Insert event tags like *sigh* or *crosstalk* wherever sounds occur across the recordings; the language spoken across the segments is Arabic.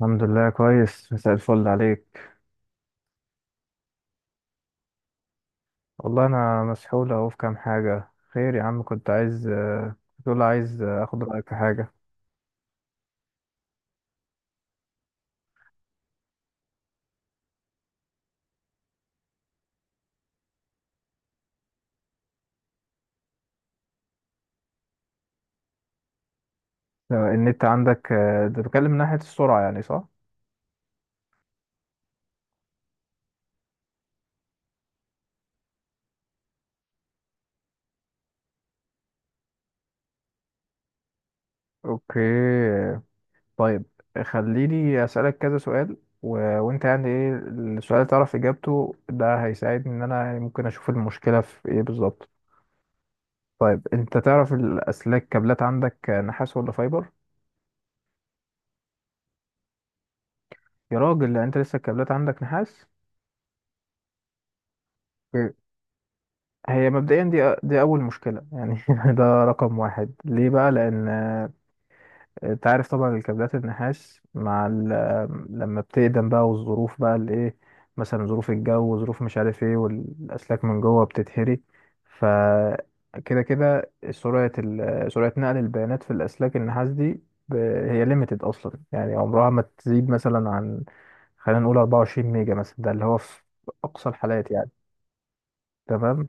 الحمد لله كويس، مساء الفل عليك. والله انا مسحول اهو في كام حاجه. خير يا عم، كنت تقول عايز اخد رايك في حاجه. النت عندك ده بتكلم من ناحيه السرعه، يعني صح؟ اوكي. طيب. خليني اسالك كذا سؤال. و... وانت يعني ايه السؤال اللي تعرف اجابته؟ ده هيساعدني ان انا يعني ممكن اشوف المشكله في ايه بالظبط. طيب انت تعرف الاسلاك، كابلات عندك نحاس ولا فايبر؟ يا راجل، لا انت لسه الكابلات عندك نحاس. هي مبدئيا دي اول مشكله، يعني *laughs* ده رقم واحد. ليه بقى؟ لان انت عارف طبعا الكابلات النحاس مع لما بتقدم بقى والظروف بقى الايه، مثلا ظروف الجو وظروف مش عارف ايه، والاسلاك من جوه بتتهري. ف كده سرعه سرعه نقل البيانات في الاسلاك النحاس دي ب- هي ليميتد اصلا، يعني عمرها ما تزيد مثلا عن، خلينا نقول 24 ميجا مثلا، ده اللي هو في اقصى الحالات يعني. تمام.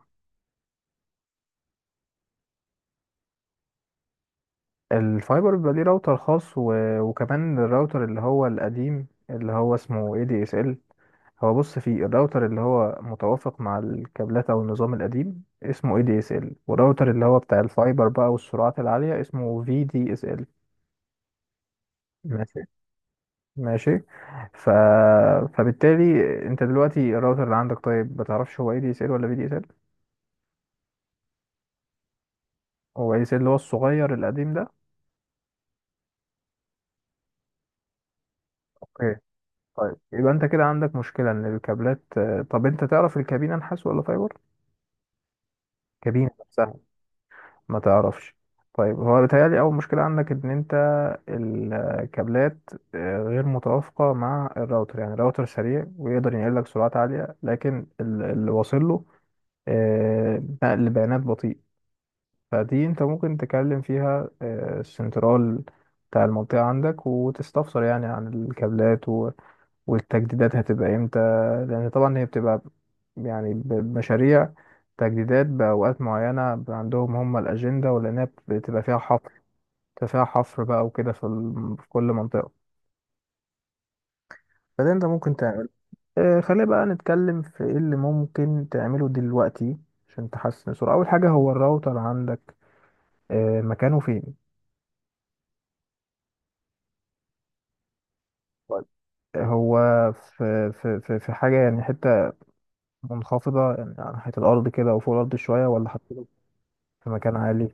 الفايبر بيبقى ليه راوتر خاص وكمان الراوتر اللي هو القديم اللي هو اسمه اي دي اس ال. هو بص، فيه الراوتر اللي هو متوافق مع الكابلات او النظام القديم اسمه اي دي اس ال، والراوتر اللي هو بتاع الفايبر بقى والسرعات العالية اسمه في دي اس ال. ماشي. ماشي. ف... فبالتالي انت دلوقتي الراوتر اللي عندك، طيب ما تعرفش هو اي دي اس ال ولا في دي اس ال؟ هو اي دي اس ال اللي هو الصغير القديم ده. اوكي طيب، يبقى انت كده عندك مشكلة ان الكابلات. طب انت تعرف الكابينة نحاس ولا فايبر؟ كابينة نفسها؟ ما تعرفش. طيب، هو بيتهيألي أول مشكلة عندك إن أنت الكابلات غير متوافقة مع الراوتر، يعني الراوتر سريع ويقدر ينقل لك سرعات عالية، لكن اللي واصل له نقل بيانات بطيء. فدي أنت ممكن تكلم فيها السنترال بتاع المنطقة عندك وتستفسر يعني عن الكابلات، والتجديدات هتبقى امتى، لان طبعا هي بتبقى يعني بمشاريع تجديدات بأوقات معينة عندهم هم الأجندة، ولأنها بتبقى فيها حفر، بتبقى فيها حفر بقى وكده في, في كل منطقة. فده انت ممكن تعمل. خلينا بقى نتكلم في ايه اللي ممكن تعمله دلوقتي عشان تحسن السرعة. أول حاجة هو الراوتر عندك مكانه فين؟ طيب. هو في حاجة يعني، حتة منخفضة يعني على ناحية الأرض كده، أو فوق الأرض شوية، ولا حطيته في مكان عالي؟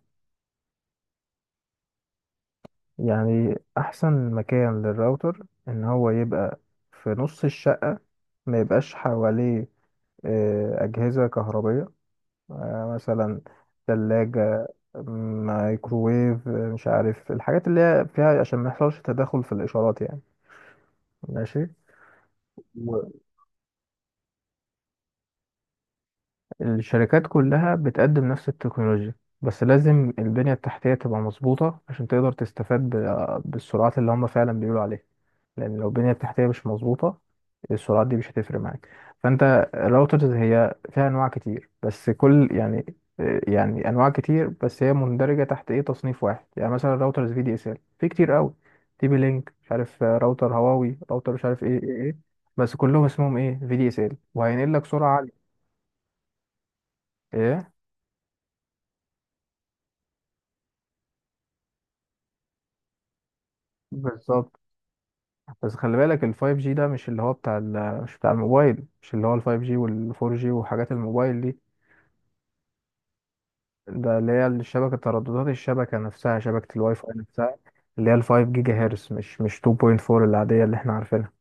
يعني احسن مكان للراوتر ان هو يبقى في نص الشقة، ما يبقاش حواليه اجهزة كهربية، مثلا ثلاجة، مايكروويف، مش عارف الحاجات اللي هي فيها، عشان ما يحصلش تداخل في الاشارات يعني. ماشي. الشركات كلها بتقدم نفس التكنولوجيا، بس لازم البنية التحتية تبقى مظبوطة عشان تقدر تستفاد بالسرعات اللي هم فعلا بيقولوا عليها. لان لو البنيه التحتيه مش مظبوطه، السرعات دي مش هتفرق معاك. فانت الراوترز هي فيها انواع كتير بس كل يعني، يعني انواع كتير بس هي مندرجه تحت ايه تصنيف واحد، يعني مثلا راوترز في دي اس ال في كتير قوي. تي بي لينك مش عارف، راوتر هواوي، راوتر مش عارف ايه ايه ايه. بس كلهم اسمهم ايه في دي اس ال وهينقل لك سرعه عاليه. ايه بالظبط. بس خلي بالك ال 5G ده مش اللي هو بتاع ال، مش بتاع الموبايل، مش اللي هو ال 5G وال 4G وحاجات الموبايل دي. ده اللي هي الشبكة، ترددات الشبكة نفسها، شبكة الواي فاي نفسها، اللي هي الفايف جيجا هرتز، مش 2.4 العادية اللي احنا عارفينها.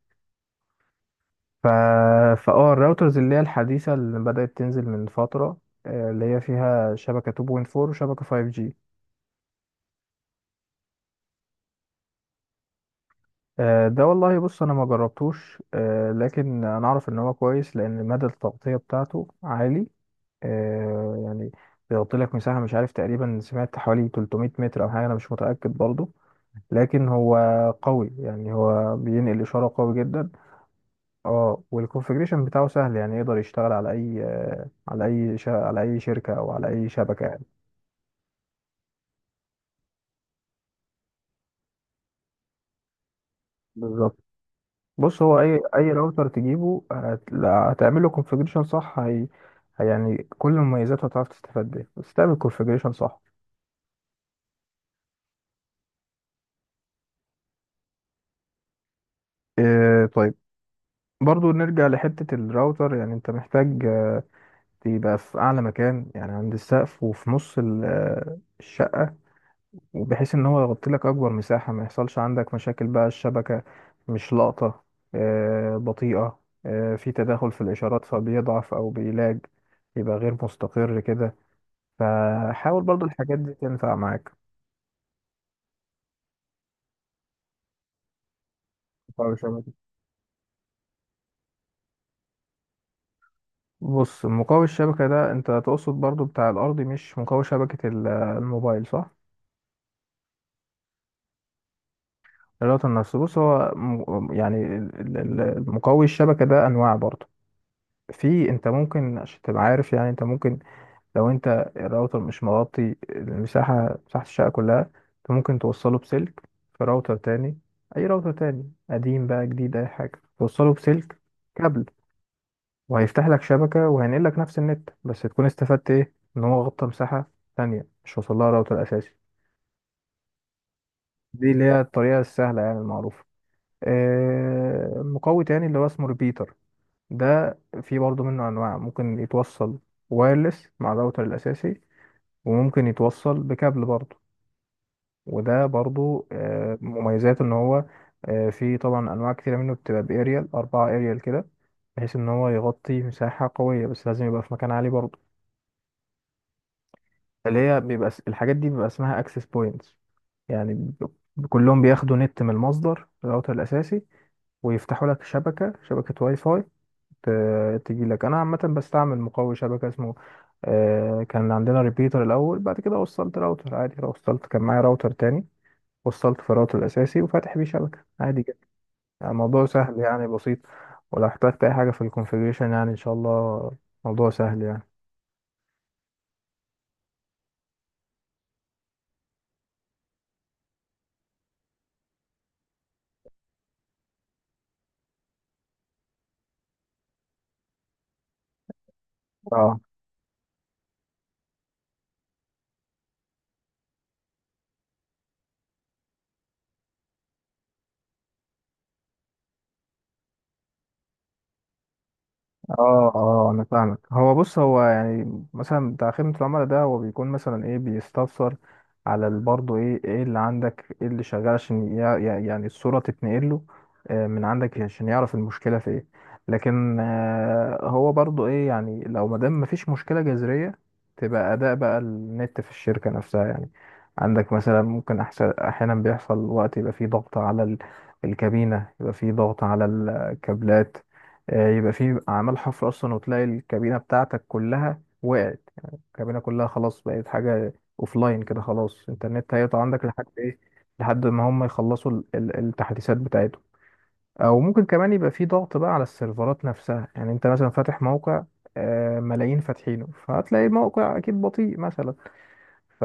ف... فاه الراوترز اللي هي الحديثة اللي بدأت تنزل من فترة، اللي هي فيها شبكة 2.4 وشبكة 5G. ده والله بص انا ما جربتوش، لكن انا اعرف ان هو كويس لان مدى التغطية بتاعته عالي. يعني بيغطي لك مساحة مش عارف، تقريبا سمعت حوالي 300 متر او حاجة، انا مش متأكد برضو. لكن هو قوي يعني، هو بينقل إشارة قوي جدا. اه، والكونفجريشن بتاعه سهل يعني، يقدر يشتغل على أي، على على أي شركة أو على أي شبكة يعني. بالظبط. بص هو أي راوتر تجيبه هتعمل له كونفجريشن صح. يعني كل مميزاته هتعرف تستفاد بيها بس تعمل كونفجريشن صح. إيه طيب. برضو نرجع لحتة الراوتر، يعني أنت محتاج تبقى في أعلى مكان يعني عند السقف، وفي نص الشقة، وبحيث ان هو يغطي لك اكبر مساحة، ما يحصلش عندك مشاكل بقى الشبكة مش لاقطة، بطيئة، في تداخل في الاشارات فبيضعف او بيلاج، يبقى غير مستقر كده. فحاول برضو الحاجات دي تنفع معاك. مقاوي شبكة؟ بص، مقاوي الشبكة ده انت تقصد برضو بتاع الارضي مش مقاوي شبكة الموبايل، صح؟ الراوتر نفسه، بص هو يعني مقاوي الشبكة ده انواع برضو. في، انت ممكن عشان تبقى عارف يعني، انت ممكن، لو انت الراوتر مش مغطي المساحة مساحة الشقة كلها، انت ممكن توصله بسلك في راوتر تاني، اي راوتر تاني قديم بقى جديد اي حاجة، توصله بسلك كابل، وهيفتح لك شبكة وهينقل لك نفس النت، بس تكون استفدت ايه ان هو غطى مساحة تانية مش وصل لها راوتر اساسي. دي اللي هي الطريقة السهلة يعني المعروفة. مقوي تاني اللي هو اسمه ريبيتر، ده في برضه منه انواع، ممكن يتوصل وايرلس مع الراوتر الاساسي، وممكن يتوصل بكابل برضه. وده برضو مميزاته ان هو في طبعا انواع كتيرة منه، بتبقى باريال اربعة اريال كده، بحيث ان هو يغطي مساحة قوية، بس لازم يبقى في مكان عالي برضو. اللي هي بيبقى الحاجات دي بيبقى اسمها اكسس بوينتس، يعني كلهم بياخدوا نت من المصدر الراوتر الاساسي، ويفتحوا لك شبكة، شبكة واي فاي تجي لك. انا عامة بستعمل مقوي شبكة اسمه كان عندنا ريبيتر الاول، بعد كده وصلت راوتر عادي، وصلت كان معايا راوتر تاني وصلت فراغته الأساسي وفاتح بيه شبكة عادي جدا. يعني الموضوع سهل يعني بسيط. ولو احتجت أي حاجة في الكونفيجريشن يعني إن شاء الله موضوع سهل يعني. اه، اه اه انا فاهمك. هو بص، هو يعني مثلا بتاع خدمة العملاء ده، هو بيكون مثلا ايه، بيستفسر على برضه ايه، ايه اللي عندك، ايه اللي شغال، عشان يعني الصورة تتنقل له من عندك عشان يعرف المشكلة في ايه. لكن هو برضه ايه، يعني لو ما دام مفيش مشكلة جذرية تبقى اداء بقى النت في الشركة نفسها يعني عندك، مثلا ممكن أحسن، احيانا بيحصل وقت يبقى فيه ضغط على الكابينة، يبقى فيه ضغط على الكابلات. يبقى في اعمال حفر اصلا، وتلاقي الكابينه بتاعتك كلها وقعت يعني، الكابينه كلها خلاص بقت حاجه لاين كده خلاص. الانترنت هيقطع عندك لحد ايه؟ لحد ما هم يخلصوا التحديثات بتاعتهم. او ممكن كمان يبقى في ضغط بقى على السيرفرات نفسها، يعني انت مثلا فاتح موقع ملايين فاتحينه، فهتلاقي الموقع اكيد بطيء مثلا. ف...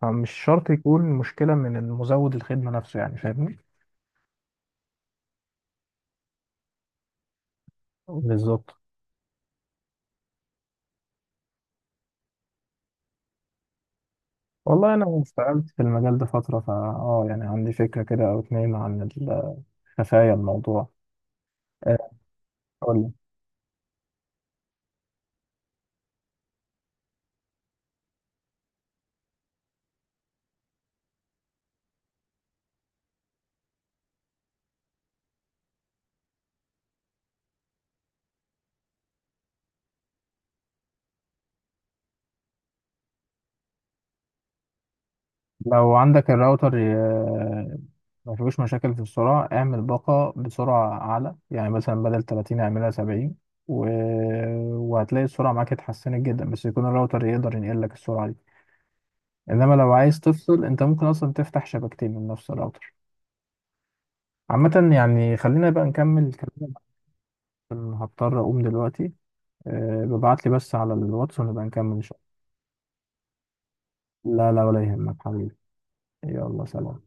فمش شرط يكون مشكله من المزود الخدمه نفسه، يعني فاهمني. بالظبط. والله أنا اشتغلت في المجال ده فترة، فا يعني عندي فكرة كده أو اتنين عن خفايا الموضوع. آه، قول لي. لو عندك الراوتر ما فيهوش مشاكل في السرعة، اعمل باقة بسرعة أعلى، يعني مثلا بدل 30 اعملها 70. و... وهتلاقي السرعة معاك اتحسنت جدا، بس يكون الراوتر يقدر ينقل لك السرعة دي. إنما لو عايز تفصل، أنت ممكن أصلا تفتح شبكتين من نفس الراوتر. عامة يعني، خلينا بقى نكمل كلامنا عشان هضطر أقوم دلوقتي. ببعت لي بس على الواتس ونبقى نكمل ان شاء الله. لا لا ولا يهمك حبيبي. يلا سلام.